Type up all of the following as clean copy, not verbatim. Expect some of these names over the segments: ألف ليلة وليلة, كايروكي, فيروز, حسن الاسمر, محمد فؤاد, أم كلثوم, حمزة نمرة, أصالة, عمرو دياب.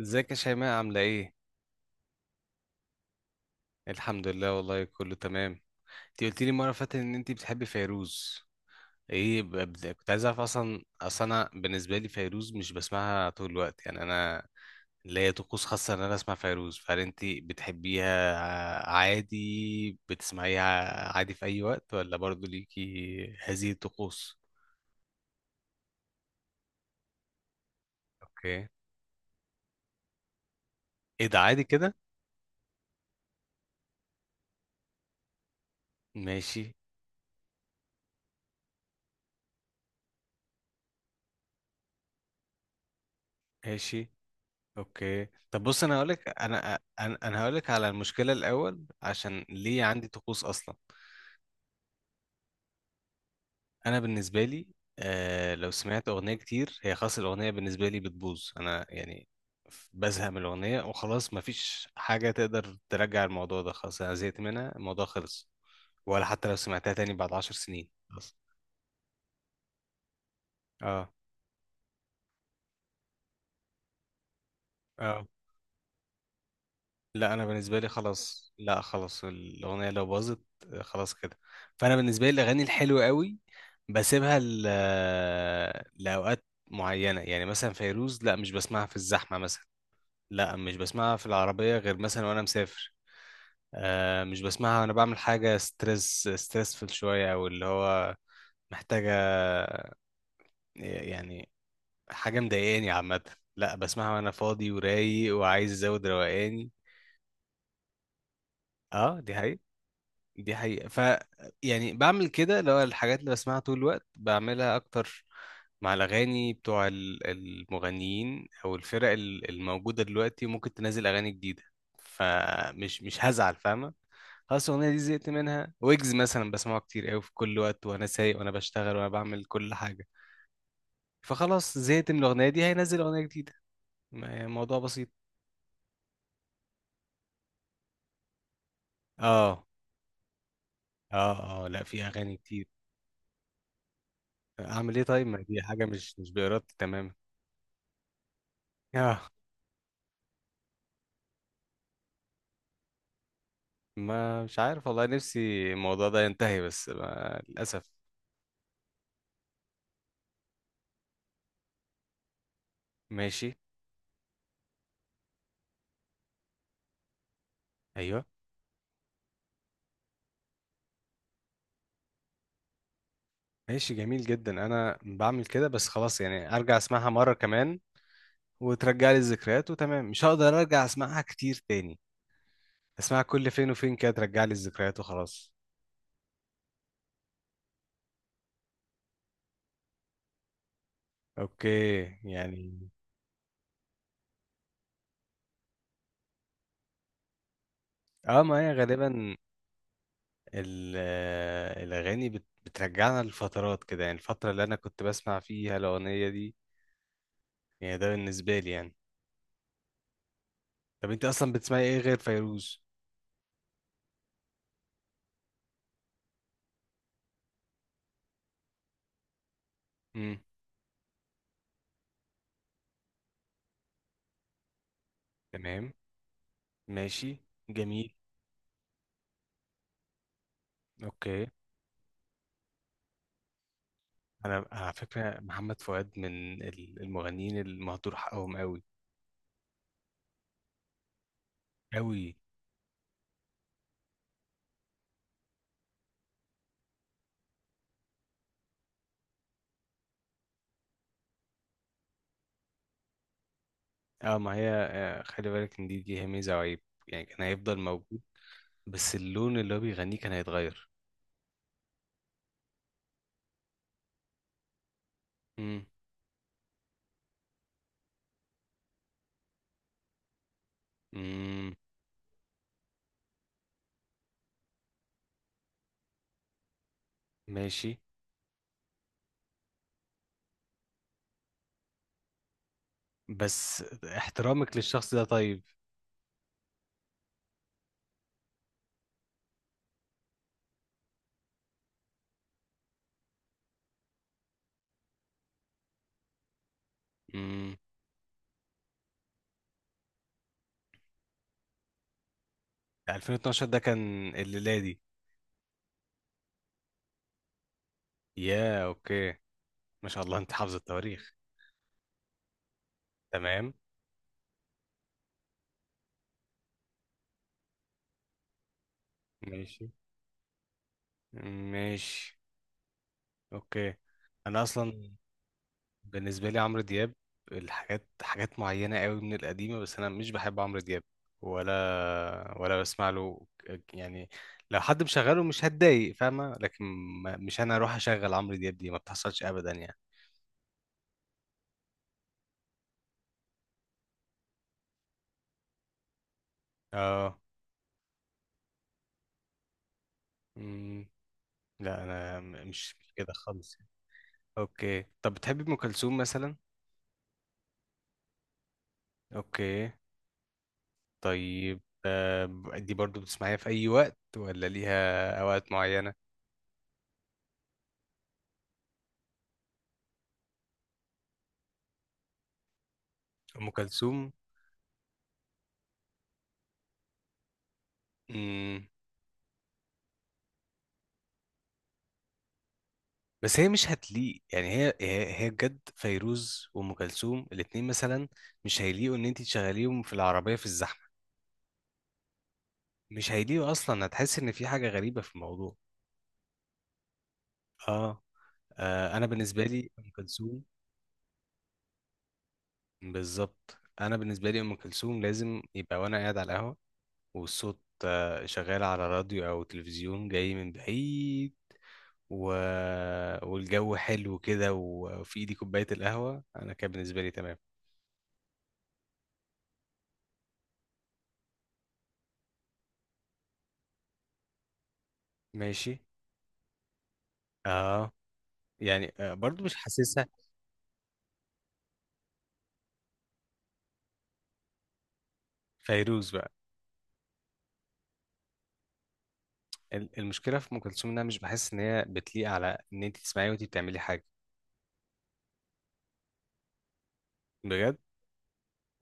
ازيك يا شيماء عاملة ايه؟ الحمد لله والله كله تمام. انتي قلتي لي مرة اللي فاتت ان انتي بتحبي فيروز. ايه كنت عايز اعرف، اصلا انا بالنسبة لي فيروز مش بسمعها طول الوقت، يعني انا ليا طقوس خاصة ان انا اسمع فيروز، فهل انتي بتحبيها عادي بتسمعيها عادي في اي وقت ولا برضو ليكي هذه الطقوس؟ اوكي، ايه ده عادي كده؟ ماشي. ماشي. اوكي، طب بص انا هقولك، انا هقولك على المشكله الاول عشان ليه عندي طقوس اصلا. انا بالنسبه لي لو سمعت اغنيه كتير هي خلاص الاغنيه بالنسبه لي بتبوظ، انا يعني بزهق من الاغنيه وخلاص، مفيش حاجه تقدر ترجع الموضوع ده، خلاص انا زهقت منها، الموضوع خلص. ولا حتى لو سمعتها تاني بعد 10 سنين، خلاص. اه. اه، لا انا بالنسبه لي خلاص، لا خلاص الاغنيه لو باظت خلاص كده. فانا بالنسبه لي الاغاني الحلوه قوي بسيبها لاوقات معينه، يعني مثلا فيروز، لا مش بسمعها في الزحمه مثلا، لا مش بسمعها في العربيه غير مثلا وانا مسافر. مش بسمعها وانا بعمل حاجه ستريس ستريسفل شويه، او اللي هو محتاجه، يعني حاجه مضايقاني عامه. لا بسمعها وانا فاضي ورايق وعايز ازود روقاني. اه دي حقيقة. دي حقيقة، ف يعني بعمل كده، اللي هو الحاجات اللي بسمعها طول الوقت بعملها أكتر. مع الأغاني بتوع المغنيين أو الفرق الموجودة دلوقتي ممكن تنزل أغاني جديدة، فمش مش هزعل فاهمة. خلاص الأغنية دي زهقت منها. ويجز مثلا بسمعه كتير أوي في كل وقت، وأنا سايق وأنا بشتغل وأنا بعمل كل حاجة، فخلاص زهقت من الأغنية دي، هينزل أغنية جديدة، الموضوع بسيط. اه. اه. اه لا في أغاني كتير. أعمل إيه طيب، ما دي حاجة مش بإرادتي تماما. اه، ما مش عارف والله، نفسي الموضوع ده ينتهي بس ما للأسف. ماشي. أيوه. ماشي، جميل جدا، أنا بعمل كده بس خلاص، يعني أرجع أسمعها مرة كمان وترجع لي الذكريات وتمام، مش هقدر أرجع أسمعها كتير تاني. أسمعها كل فين وفين كده ترجع لي الذكريات وخلاص. أوكي. يعني أه ما هي غالبا الأغاني بترجعنا لفترات كده، يعني الفترة اللي أنا كنت بسمع فيها الأغنية دي، يعني ده بالنسبة لي يعني. طب أنت أصلا بتسمعي إيه غير فيروز؟ تمام. ماشي. جميل. اوكي. انا أنا على فكره محمد فؤاد من المغنيين المهدور حقهم قوي. قوي. اه ما هي، خلي بالك ان دي هي ميزه وعيب، يعني كان هيفضل موجود، بس اللون اللي هو بيغنيه كان هيتغير. امم. امم. ماشي. بس احترامك للشخص ده طيب. امم. 2012 ده كان الليلادي. يا اوكي، ما شاء الله انت حافظ التواريخ. تمام. ماشي. ماشي. اوكي. انا اصلا بالنسبة لي عمرو دياب الحاجات حاجات معينة قوي من القديمة، بس أنا مش بحب عمرو دياب، ولا بسمع له يعني لو حد مشغله مش هتضايق فاهمة، لكن مش أنا أروح أشغل عمرو دياب، دي ما بتحصلش أبدا يعني. اه. مم. لا أنا مش كده خالص يعني. أوكي طب بتحبي أم كلثوم مثلا؟ أوكي. طيب دي برضو بتسمعيها في أي وقت ولا ليها أوقات معينة؟ أم كلثوم. مم. بس هي مش هتليق، يعني هي بجد فيروز وام كلثوم الاتنين مثلا مش هيليقوا ان انت تشغليهم في العربيه في الزحمه. مش هيليقوا اصلا، هتحس ان في حاجه غريبه في الموضوع. اه، آه انا بالنسبه لي ام كلثوم، بالظبط، انا بالنسبه لي ام كلثوم لازم يبقى وانا قاعد على القهوه، والصوت شغال على راديو او تلفزيون جاي من بعيد و... والجو حلو كده وفي ايدي كوبايه القهوه، انا كان بالنسبه لي تمام. ماشي. اه يعني، برضو مش حاسسها. فيروز بقى. المشكله في ام كلثوم انها مش بحس ان هي بتليق على ان انت تسمعي وانت بتعملي حاجه. بجد.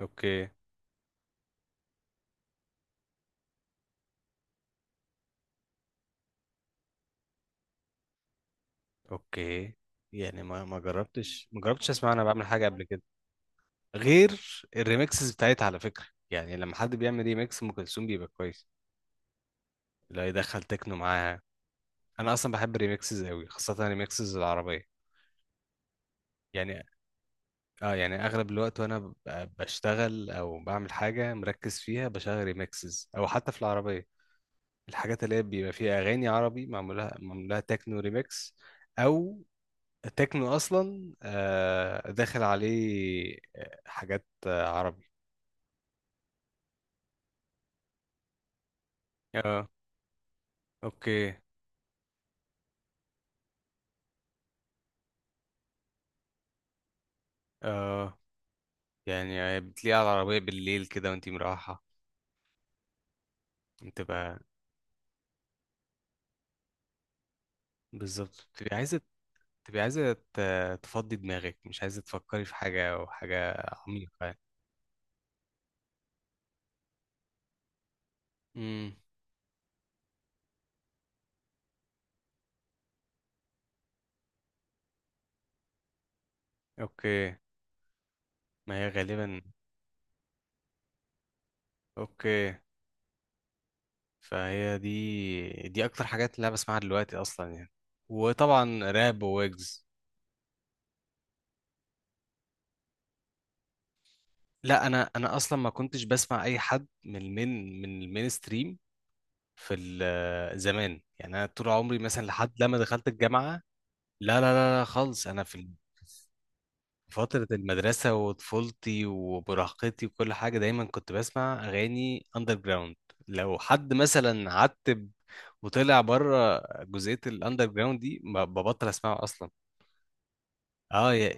اوكي. اوكي يعني ما جربتش اسمع انا بعمل حاجه قبل كده. غير الريمكسز بتاعتها على فكره، يعني لما حد بيعمل ريمكس ام كلثوم بيبقى كويس. لا يدخل تكنو معاها. انا اصلا بحب الريمكسز قوي، خاصه الريمكسز العربيه. يعني اه، يعني اغلب الوقت وانا بشتغل او بعمل حاجه مركز فيها بشغل ريمكسز، او حتى في العربيه الحاجات اللي هي بيبقى فيها اغاني عربي معمولها تكنو ريميكس، او تكنو اصلا داخل عليه حاجات عربي. اه. اوكي. اه يعني بتلاقيها على العربية بالليل كده وانتي مروحة، بتبقى، بالظبط بتبقي عايزة، تبقي عايزة تفضي دماغك، مش عايزة تفكري في حاجة أو حاجة عميقة يعني. امم. اوكي. ما هي غالبا. اوكي. فهي دي اكتر حاجات اللي انا بسمعها دلوقتي اصلا يعني، وطبعا راب وويجز. لا انا اصلا ما كنتش بسمع اي حد من المين من المين ستريم في زمان، يعني انا طول عمري مثلا لحد لما دخلت الجامعه. لا خالص، انا في فتره المدرسه وطفولتي ومراهقتي وكل حاجه دايما كنت بسمع اغاني اندر جراوند. لو حد مثلا عتب وطلع بره جزئيه الاندر جراوند دي ببطل اسمعه اصلا. اه.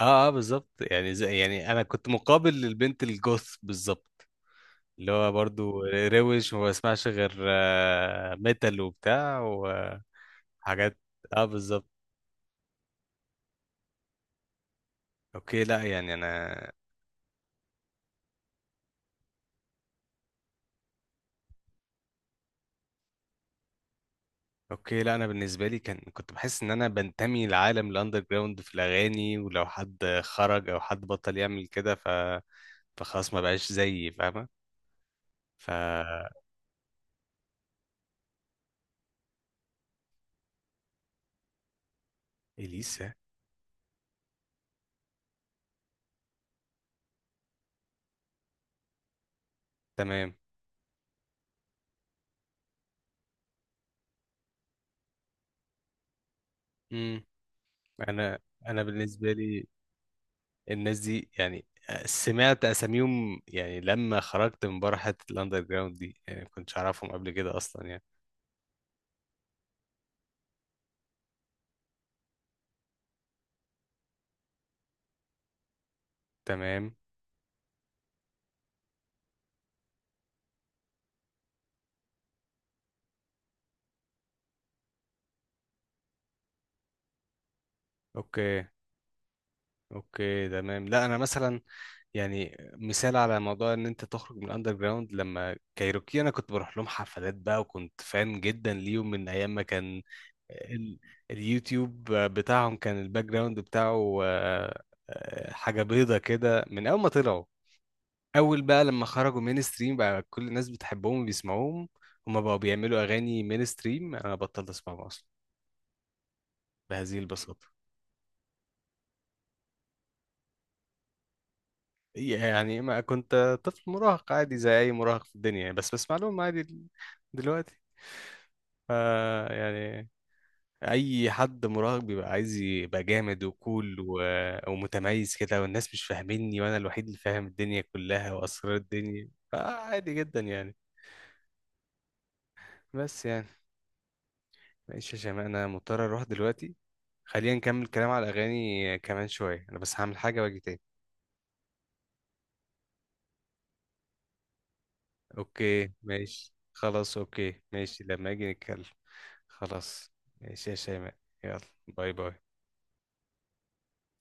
اه بالظبط يعني، زي، يعني انا كنت مقابل للبنت الجوث بالظبط، اللي هو برضو روش وما بسمعش غير ميتال وبتاع وحاجات. اه بالظبط. اوكي لا يعني انا، اوكي لا انا بالنسبه لي كان، كنت بحس ان انا بنتمي لعالم الاندر جراوند في الاغاني، ولو حد خرج او حد بطل يعمل كده ف، فخلاص ما بقاش زيي فاهمه، ف اليسا. تمام. امم. انا، انا بالنسبه لي الناس دي يعني سمعت اساميهم يعني لما خرجت من بره حته الاندر جراوند دي، يعني ما كنتش اعرفهم قبل كده اصلا يعني. تمام. اوكي. اوكي تمام، لا انا مثلا، يعني مثال على موضوع ان انت تخرج من الاندر جراوند، لما كايروكي انا كنت بروح لهم حفلات بقى وكنت فان جدا ليهم من ايام ما كان ال... اليوتيوب بتاعهم كان الباك جراوند بتاعه حاجه بيضه كده من اول ما طلعوا. اول بقى لما خرجوا مين ستريم بقى، كل الناس بتحبهم وبيسمعوهم، هما بقوا بيعملوا اغاني مين ستريم، انا بطلت اسمعهم اصلا، بهذه البساطه. يعني ما كنت طفل مراهق عادي زي اي مراهق في الدنيا يعني، بس بسمع لهم عادي، دلوقتي ف يعني، اي حد مراهق بيبقى عايز يبقى جامد وكول و... ومتميز كده، والناس مش فاهميني وانا الوحيد اللي فاهم الدنيا كلها واسرار الدنيا، فعادي جدا يعني. بس يعني، معلش يا شيماء انا مضطر اروح دلوقتي، خلينا نكمل كلام على الأغاني كمان شوية، أنا بس هعمل حاجة وأجي تاني. أوكي ماشي، خلاص أوكي ماشي، لما أجي نتكلم. خلاص. ماشي يا شيماء. يلا. باي باي.